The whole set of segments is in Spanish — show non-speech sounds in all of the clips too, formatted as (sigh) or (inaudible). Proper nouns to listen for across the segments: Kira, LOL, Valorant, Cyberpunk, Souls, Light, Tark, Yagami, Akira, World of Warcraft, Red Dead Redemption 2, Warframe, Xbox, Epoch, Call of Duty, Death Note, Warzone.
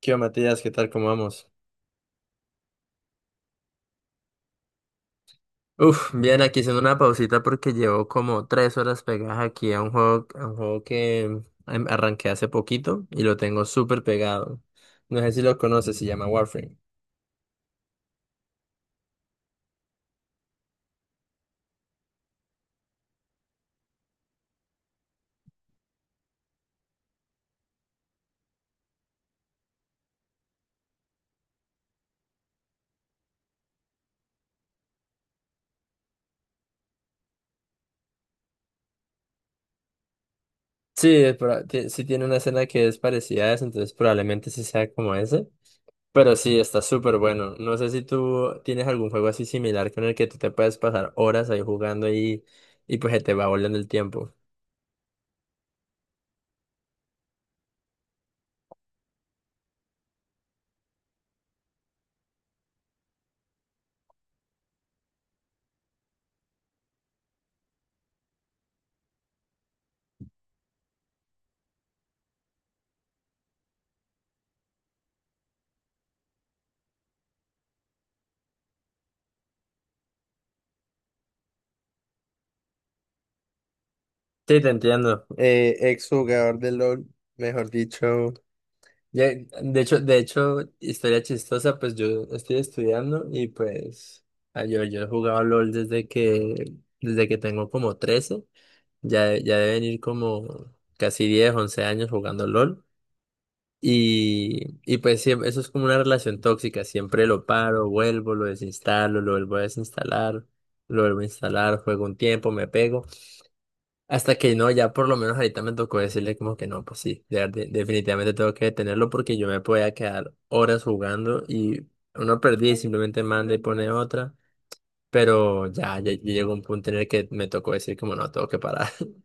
¿Qué onda, Matías? ¿Qué tal? ¿Cómo vamos? Uf, bien, aquí haciendo una pausita porque llevo como 3 horas pegadas aquí a un juego que arranqué hace poquito y lo tengo súper pegado. No sé si lo conoces, se llama Warframe. Sí, sí tiene una escena que es parecida a esa, entonces probablemente sí sea como ese. Pero sí, está súper bueno. No sé si tú tienes algún juego así similar con el que tú te puedes pasar horas ahí jugando y pues se te va volando el tiempo. Sí, te entiendo. Ex jugador de LOL, mejor dicho. Ya, de hecho, historia chistosa, pues yo estoy estudiando y pues yo he jugado LOL desde que, tengo como 13, ya deben ir como casi 10, 11 años jugando LOL y pues eso es como una relación tóxica, siempre lo paro, vuelvo, lo desinstalo, lo vuelvo a desinstalar, lo vuelvo a instalar, juego un tiempo, me pego. Hasta que no, ya por lo menos ahorita me tocó decirle como que no, pues sí, definitivamente tengo que detenerlo porque yo me podía quedar horas jugando y uno perdía y simplemente manda y pone otra, pero ya, ya, ya llegó un punto en el que me tocó decir como no, tengo que parar. (laughs)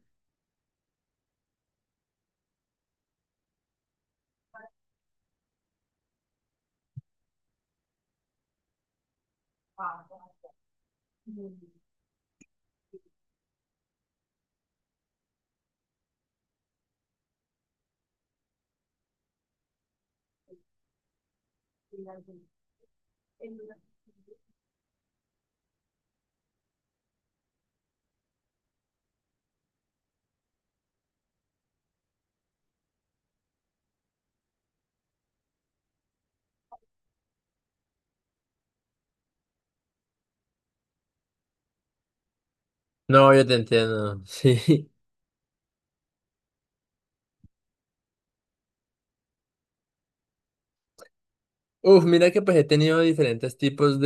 No, yo te entiendo, (laughs) sí. Uf, mira que pues he tenido diferentes tipos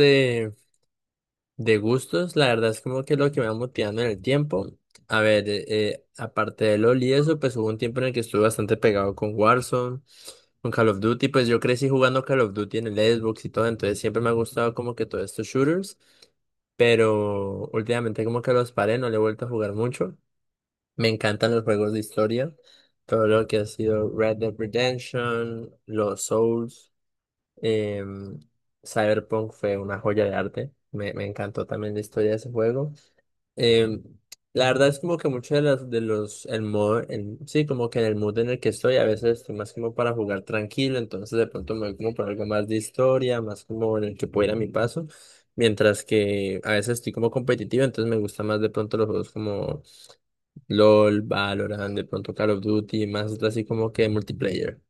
de gustos, la verdad es como que lo que me va motivando en el tiempo. A ver, aparte de LoL y eso, pues hubo un tiempo en el que estuve bastante pegado con Warzone, con Call of Duty, pues yo crecí jugando Call of Duty en el Xbox y todo, entonces siempre me ha gustado como que todos estos shooters, pero últimamente como que los paré, no le he vuelto a jugar mucho. Me encantan los juegos de historia, todo lo que ha sido Red Dead Redemption, los Souls. Eh, Cyberpunk fue una joya de arte. Me encantó también la historia de ese juego. Eh, la verdad es como que muchos de los, el modo, sí, como que en el mood en el que estoy, a veces estoy más como para jugar tranquilo, entonces de pronto me voy como por algo más de historia, más como en el que pueda ir a mi paso, mientras que a veces estoy como competitivo, entonces me gusta más de pronto los juegos como LOL, Valorant, de pronto Call of Duty, más así como que multiplayer.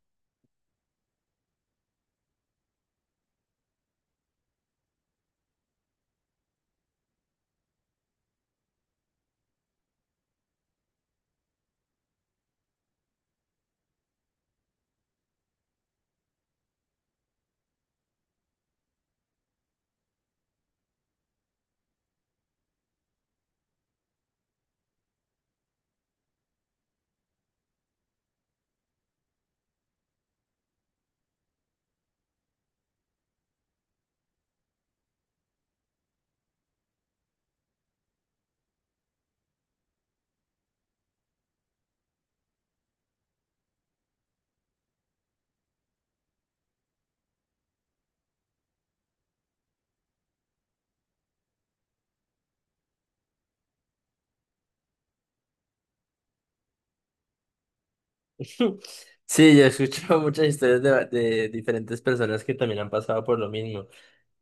(laughs) Sí, yo he escuchado muchas historias de diferentes personas que también han pasado por lo mismo.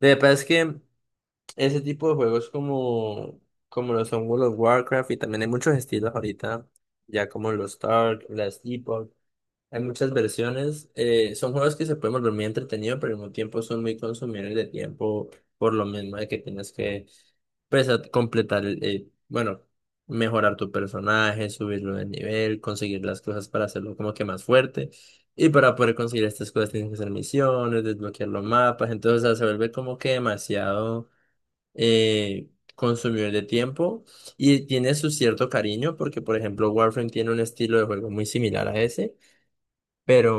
De verdad es que ese tipo de juegos como lo son World of Warcraft y también hay muchos estilos ahorita, ya como los Tark, las Epoch. Hay muchas versiones. Son juegos que se pueden volver muy entretenidos, pero al mismo tiempo son muy consumidores de tiempo por lo mismo de que tienes que pues, completar, bueno, mejorar tu personaje, subirlo de nivel, conseguir las cosas para hacerlo como que más fuerte. Y para poder conseguir estas cosas tienes que hacer misiones, desbloquear los mapas. Entonces, o sea, se vuelve como que demasiado eh, consumidor de tiempo. Y tiene su cierto cariño, porque por ejemplo, Warframe tiene un estilo de juego muy similar a ese. Pero,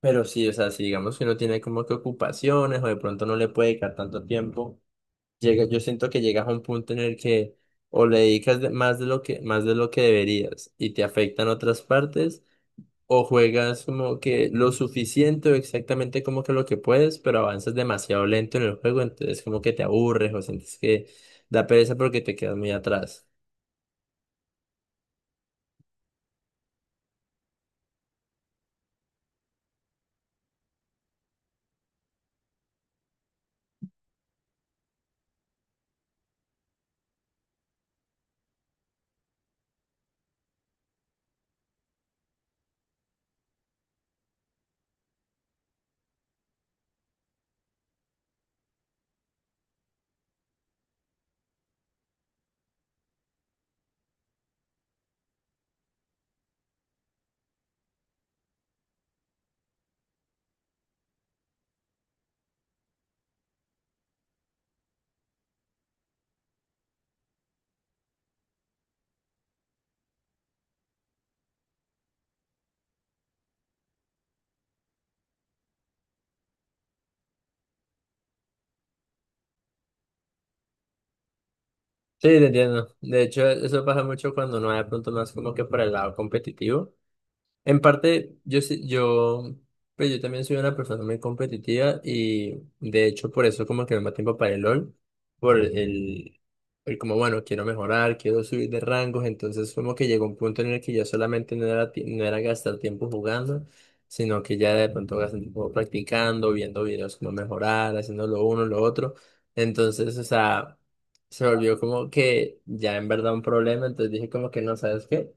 pero sí, o sea, si digamos que no tiene como que ocupaciones o de pronto no le puede dedicar tanto tiempo, llega, yo siento que llegas a un punto en el que o le dedicas más de lo que, deberías y te afectan otras partes, o juegas como que lo suficiente o exactamente como que lo que puedes, pero avanzas demasiado lento en el juego, entonces como que te aburres o sientes que da pereza porque te quedas muy atrás. Sí, te entiendo. De hecho, eso pasa mucho cuando no hay de pronto más como que por el lado competitivo. En parte, yo, pero yo también soy una persona muy competitiva y de hecho por eso como que me da tiempo para el LOL, por el como, bueno, quiero mejorar, quiero subir de rangos, entonces como que llegó un punto en el que ya solamente no era gastar tiempo jugando, sino que ya de pronto gastar tiempo practicando, viendo videos como mejorar, haciendo lo uno, lo otro. Entonces, o sea, se volvió como que ya en verdad un problema, entonces dije como que no, ¿sabes qué?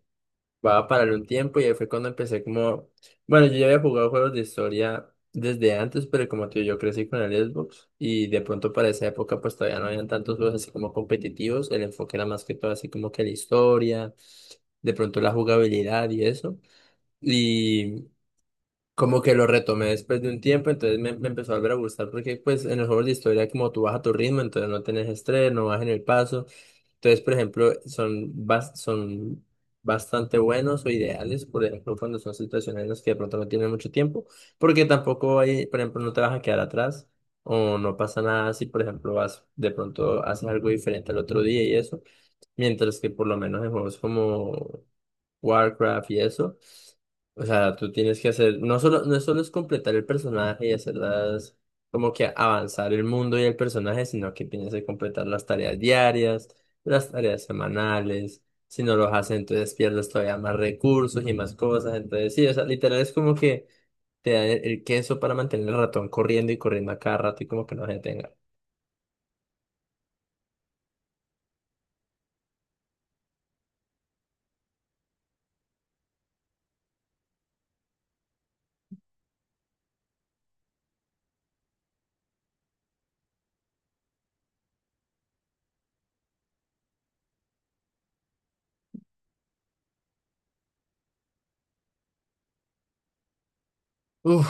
Va a parar un tiempo y ahí fue cuando empecé como, bueno, yo ya había jugado juegos de historia desde antes, pero como tú yo crecí con el Xbox y de pronto para esa época pues todavía no habían tantos juegos así como competitivos, el enfoque era más que todo así como que la historia, de pronto la jugabilidad y eso. Y como que lo retomé después de un tiempo, entonces me empezó a volver a gustar porque pues en los juegos de historia como tú vas a tu ritmo, entonces no tenés estrés, no vas en el paso. Entonces, por ejemplo, son bastante buenos o ideales, por ejemplo, cuando son situaciones en las que de pronto no tienes mucho tiempo, porque tampoco hay, por ejemplo, no te vas a quedar atrás o no pasa nada si, por ejemplo, vas de pronto haces algo diferente al otro día y eso. Mientras que por lo menos en juegos como Warcraft y eso, o sea, tú tienes que hacer, no solo es completar el personaje y hacerlas, como que avanzar el mundo y el personaje, sino que tienes que completar las tareas diarias, las tareas semanales. Si no los haces, entonces pierdes todavía más recursos y más cosas. Entonces, sí, o sea, literal es como que te da el queso para mantener el ratón corriendo y corriendo a cada rato y como que no se detenga. Uf,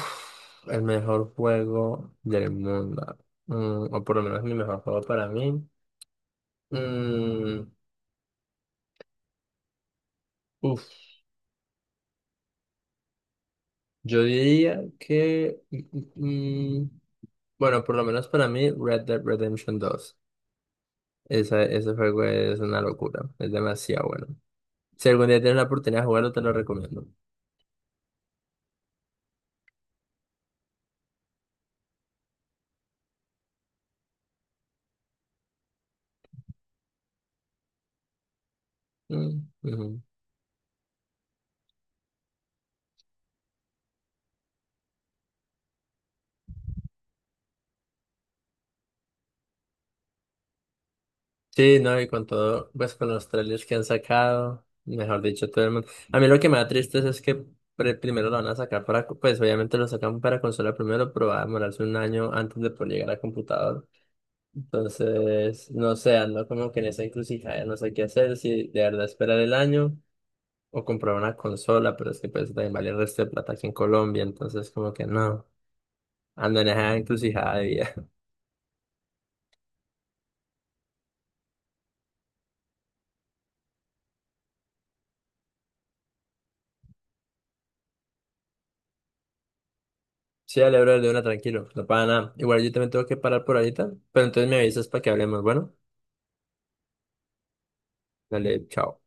el mejor juego del mundo. O por lo menos mi mejor juego para mí. Mm, Uf, yo diría que, bueno, por lo menos para mí, Red Dead Redemption 2. Ese juego es una locura. Es demasiado bueno. Si algún día tienes la oportunidad de jugarlo, te lo recomiendo. Mm, ujú. Sí, no, y con todo, pues con los trailers que han sacado, mejor dicho, todo el mundo. A mí lo que me da triste es, que primero lo van a sacar para, pues obviamente lo sacan para consola primero, pero va a demorarse un año antes de poder llegar a computador. Entonces, no sé, ando como que en esa encrucijada, no sé qué hacer, si de verdad esperar el año o comprar una consola, pero es que pues también vale el resto de plata aquí en Colombia, entonces como que no, ando en esa encrucijada. Sí, dale, bro, de una, tranquilo, no pasa nada. Igual yo también tengo que parar por ahorita, pero entonces me avisas para que hablemos. Bueno, dale, chao.